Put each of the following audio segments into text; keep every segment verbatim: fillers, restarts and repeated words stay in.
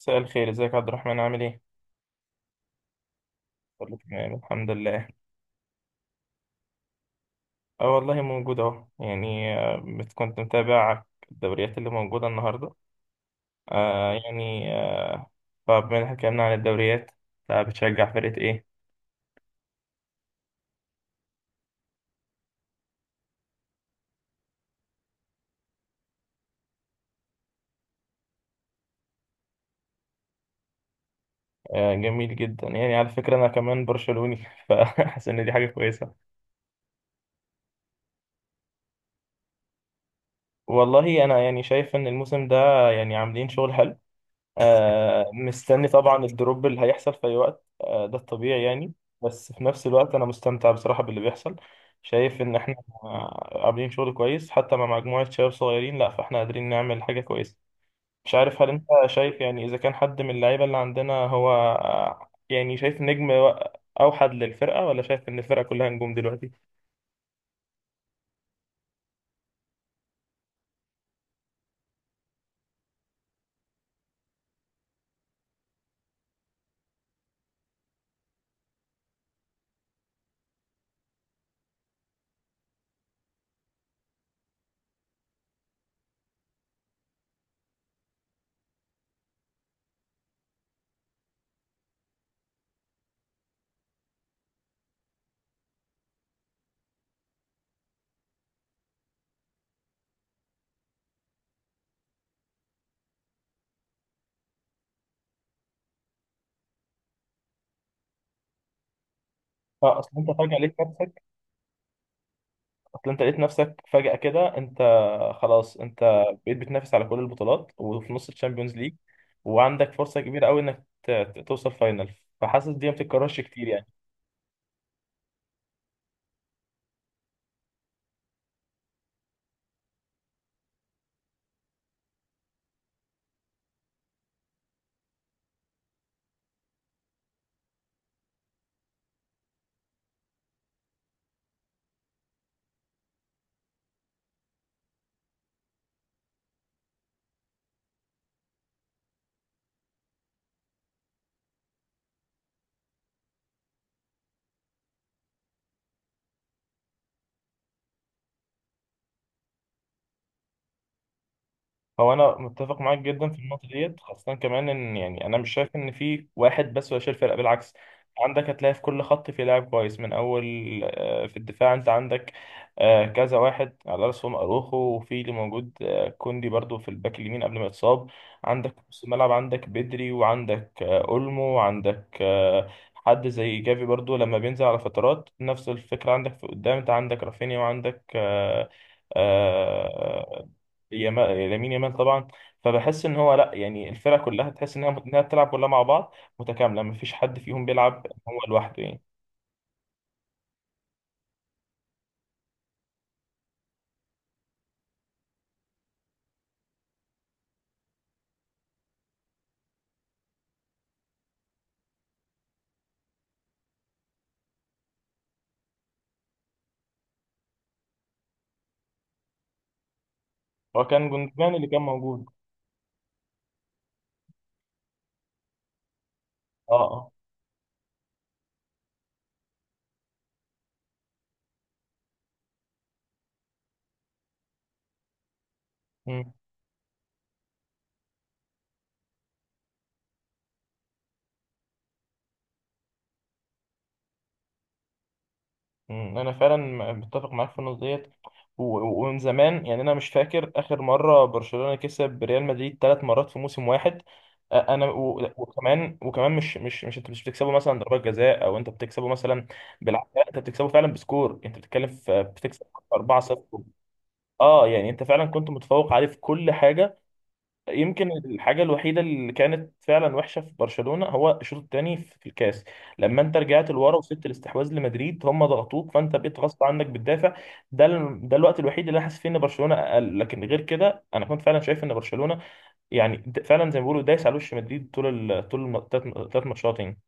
مساء الخير، ازيك يا عبد الرحمن، عامل ايه؟ كله تمام، الحمد لله. اه والله موجود اهو، يعني آه، بت- كنت متابع الدوريات اللي موجودة النهاردة. آه يعني آه فبما ان احنا اتكلمنا عن الدوريات، فبتشجع فرقة ايه؟ آه جميل جدا، يعني على فكرة انا كمان برشلوني فحاسس ان دي حاجة كويسة. والله انا يعني شايف ان الموسم ده يعني عاملين شغل حلو. آه، مستني طبعا الدروب اللي هيحصل في أي وقت، آه، ده الطبيعي يعني. بس في نفس الوقت أنا مستمتع بصراحة باللي بيحصل، شايف إن إحنا آه، عاملين شغل كويس حتى مع مجموعة شباب صغيرين. لأ، فإحنا قادرين نعمل حاجة كويسة. مش عارف، هل أنت شايف يعني إذا كان حد من اللعيبة اللي عندنا هو آه، يعني شايف نجم أوحد للفرقة، ولا شايف إن الفرقة كلها نجوم دلوقتي؟ أه أصل أنت فجأة لقيت نفسك. اصل انت لقيت نفسك فجأة كده، انت خلاص، انت بقيت بتنافس على كل البطولات، وفي نص الشامبيونز ليج، وعندك فرصة كبيرة قوي انك ت- ت- توصل فاينل. فحاسس دي ما بتتكررش كتير يعني. هو انا متفق معاك جدا في النقطه ديت، خاصه كمان ان يعني انا مش شايف ان في واحد بس هو اللي شايل الفرقه، بالعكس عندك هتلاقي في كل خط في لاعب كويس. من اول آه، في الدفاع انت عندك آه، كذا واحد على راسهم اروخو، وفي اللي موجود آه، كوندي برضو في الباك اليمين قبل ما يتصاب. عندك في نص الملعب، عندك بدري وعندك آه، اولمو، وعندك آه، حد زي جافي برضو لما بينزل على فترات، نفس الفكره. عندك في قدام انت عندك رافينيا وعندك آه، آه، يما- لامين يامال طبعا. فبحس ان هو لا، يعني الفرقه كلها تحس انها انها بتلعب كلها مع بعض، متكامله، ما فيش حد فيهم بيلعب هو لوحده يعني. هو كان جوندوجان اللي كان موجود. اه، اه. مم. مم. انا فعلا م- متفق معاك في النقطه ديت، و- و- ومن زمان يعني، انا مش فاكر اخر مره برشلونه كسب ريال مدريد ثلاث مرات في موسم واحد. آه، انا و- وكمان وكمان مش مش مش انت مش بتكسبه مثلا ضربات جزاء، او انت بتكسبه مثلا بالعافيه. لا، انت بتكسبه فعلا بسكور، انت بتتكلم في بتكسب اربعة صفر. اه يعني انت فعلا كنت متفوق عليه في كل حاجه. يمكن الحاجه الوحيده اللي كانت فعلا وحشه في برشلونه هو الشوط الثاني في الكاس، لما انت رجعت لورا وسبت الاستحواذ لمدريد، هم ضغطوك فانت بقيت غصب عنك بتدافع. ده ال... ده الوقت الوحيد اللي انا حاسس فيه ان برشلونه اقل، لكن غير كده انا كنت فعلا شايف ان برشلونه يعني د- فعلا زي ما بيقولوا دايس على وش مدريد طول ال... طول الثلاث ماتشات يعني.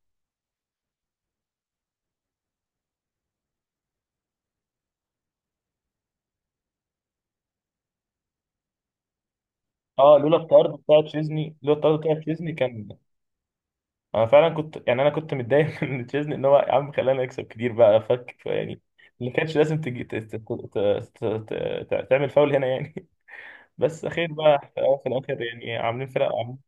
اه، لولا الطرد بتاع تشيزني لولا الطرد بتاع تشيزني كان. انا فعلا كنت يعني انا كنت متضايق من تشيزني، ان هو يا عم خلانا نكسب كتير بقى، فك يعني. اللي كانش لازم تجي ت- ت- ت- ت- ت- ت- تعمل فاول هنا يعني. بس اخير بقى في الاخر في الآخر يعني، عاملين فرق، عاملين.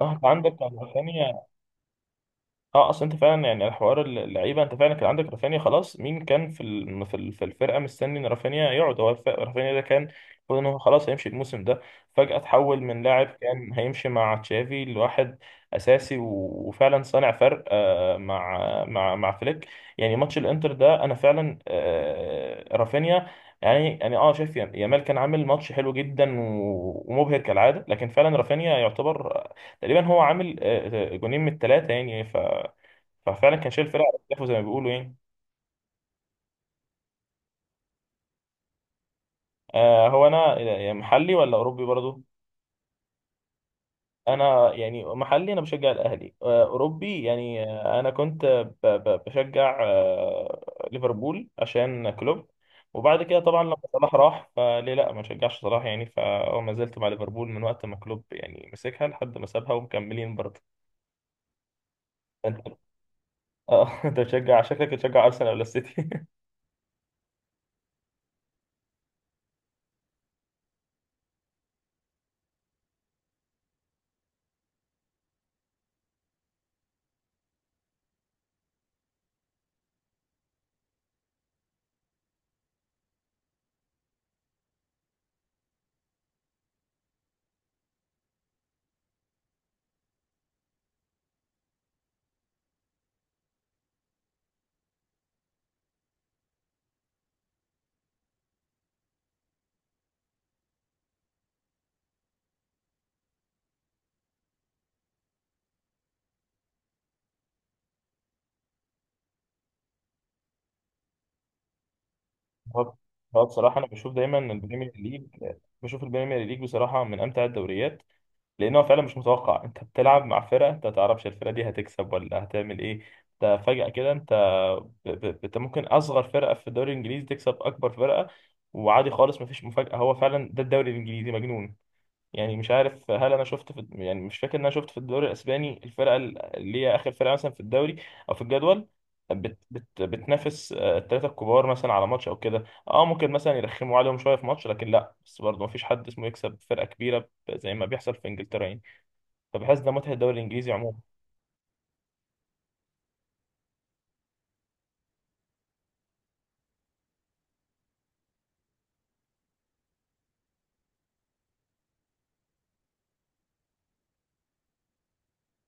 اه انت عندك ثانية. اه اصل انت فعلا يعني، الحوار اللعيبه، انت فعلا كان عندك رافينيا. خلاص، مين كان في الم- في ال- في الفرقه مستني ان رافينيا يقعد؟ هو الف- رافينيا ده كان المفروض ان هو خلاص هيمشي الموسم ده، فجاه تحول من لاعب كان هيمشي مع تشافي لواحد اساسي، و- وفعلا صانع فرق آه، مع مع مع فليك. يعني ماتش الانتر ده انا فعلا، آه، رافينيا يعني يعني اه شايف يا- يامال كان عامل ماتش حلو جدا و- ومبهر كالعاده، لكن فعلا رافينيا يعتبر آه، تقريبا هو عامل آه، آه، جونين من الثلاثه يعني. ف ففعلا كان شايل فرقه على كتافه زي ما بيقولوا يعني. آه هو انا يعني محلي ولا اوروبي برضو. انا يعني محلي، انا بشجع الاهلي. آه اوروبي يعني، آه انا كنت ب- ب- بشجع آه ليفربول عشان كلوب. وبعد كده طبعا لما صلاح راح فليه، لا، ما شجعش صلاح يعني، فهو ما زلت مع ليفربول من وقت ما كلوب يعني مسكها لحد ما سابها، ومكملين برضه. انت اه انت بتشجع، شكلك بتشجع ارسنال ولا السيتي؟ هو هو بصراحة أنا بشوف دايما إن البريمير ليج بشوف البريمير ليج بصراحة من أمتع الدوريات. لأن هو فعلا مش متوقع، أنت بتلعب مع فرقة أنت ما تعرفش الفرقة دي هتكسب ولا هتعمل إيه. أنت فجأة كده أنت ب... ب... أنت ممكن أصغر فرقة في الدوري الإنجليزي تكسب أكبر فرقة، وعادي خالص، مفيش مفاجأة. هو فعلا ده الدوري الإنجليزي مجنون. يعني مش عارف، هل انا شفت في، يعني مش فاكر ان انا شفت في الدوري الاسباني الفرقه اللي هي اخر فرقه مثلا في الدوري او في الجدول بت بت بتنافس آه، الثلاثه الكبار مثلا على ماتش او كده. اه ممكن مثلا يرخموا عليهم شويه في ماتش، لكن لا، بس برضه مفيش حد اسمه يكسب فرقه كبيره ب- زي ما بيحصل في انجلترا يعني. فبحس ده متعه الدوري الانجليزي عموما.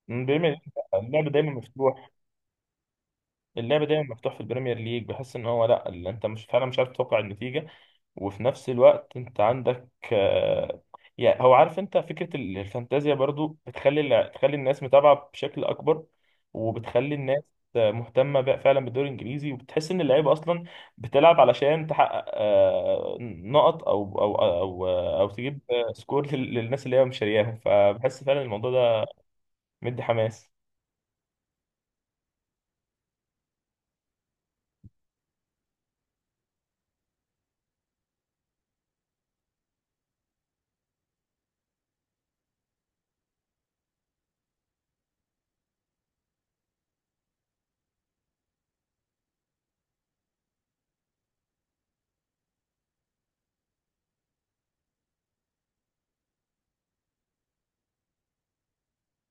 من البريمير ليج بقى، اللعب دايما مفتوح. اللعب دايما مفتوح في البريمير ليج، بحس ان هو لا، اللي انت مش فعلا مش عارف تتوقع النتيجه. وفي نفس الوقت انت عندك آه، يعني، هو عارف، انت فكرة ال- الفانتازيا برضو بتخلي الع- بتخلي الناس متابعة بشكل اكبر، وبتخلي الناس آه، مهتمة بقى فعلا بالدوري الانجليزي، وبتحس ان اللعيبة اصلا بتلعب علشان تحقق آه، نقط، او او او او تجيب آه، سكور لل- للناس اللي هي مشارياهم. فبحس فعلا الموضوع ده مدي حماس.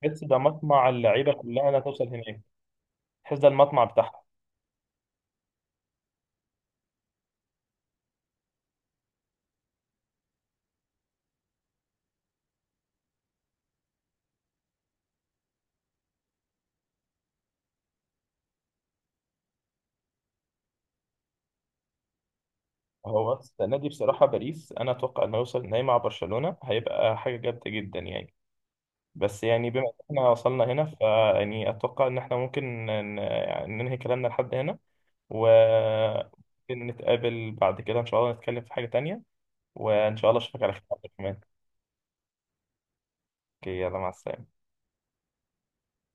بحس ده مطمع اللعيبة كلها انها توصل هناك. بحس ده المطمع بتاعها. هو السنة دي بصراحة باريس أنا أتوقع إنه يوصل النهائي مع برشلونة، هيبقى حاجة جامدة جدا يعني. بس يعني بما إن إحنا وصلنا هنا، فيعني أتوقع إن إحنا ممكن ن- يعني ننهي كلامنا لحد هنا، وممكن نتقابل بعد كده إن شاء الله، نتكلم في حاجة تانية. وإن شاء الله أشوفك على خير يا عبد الرحمن. أوكي، يلا مع السلامة.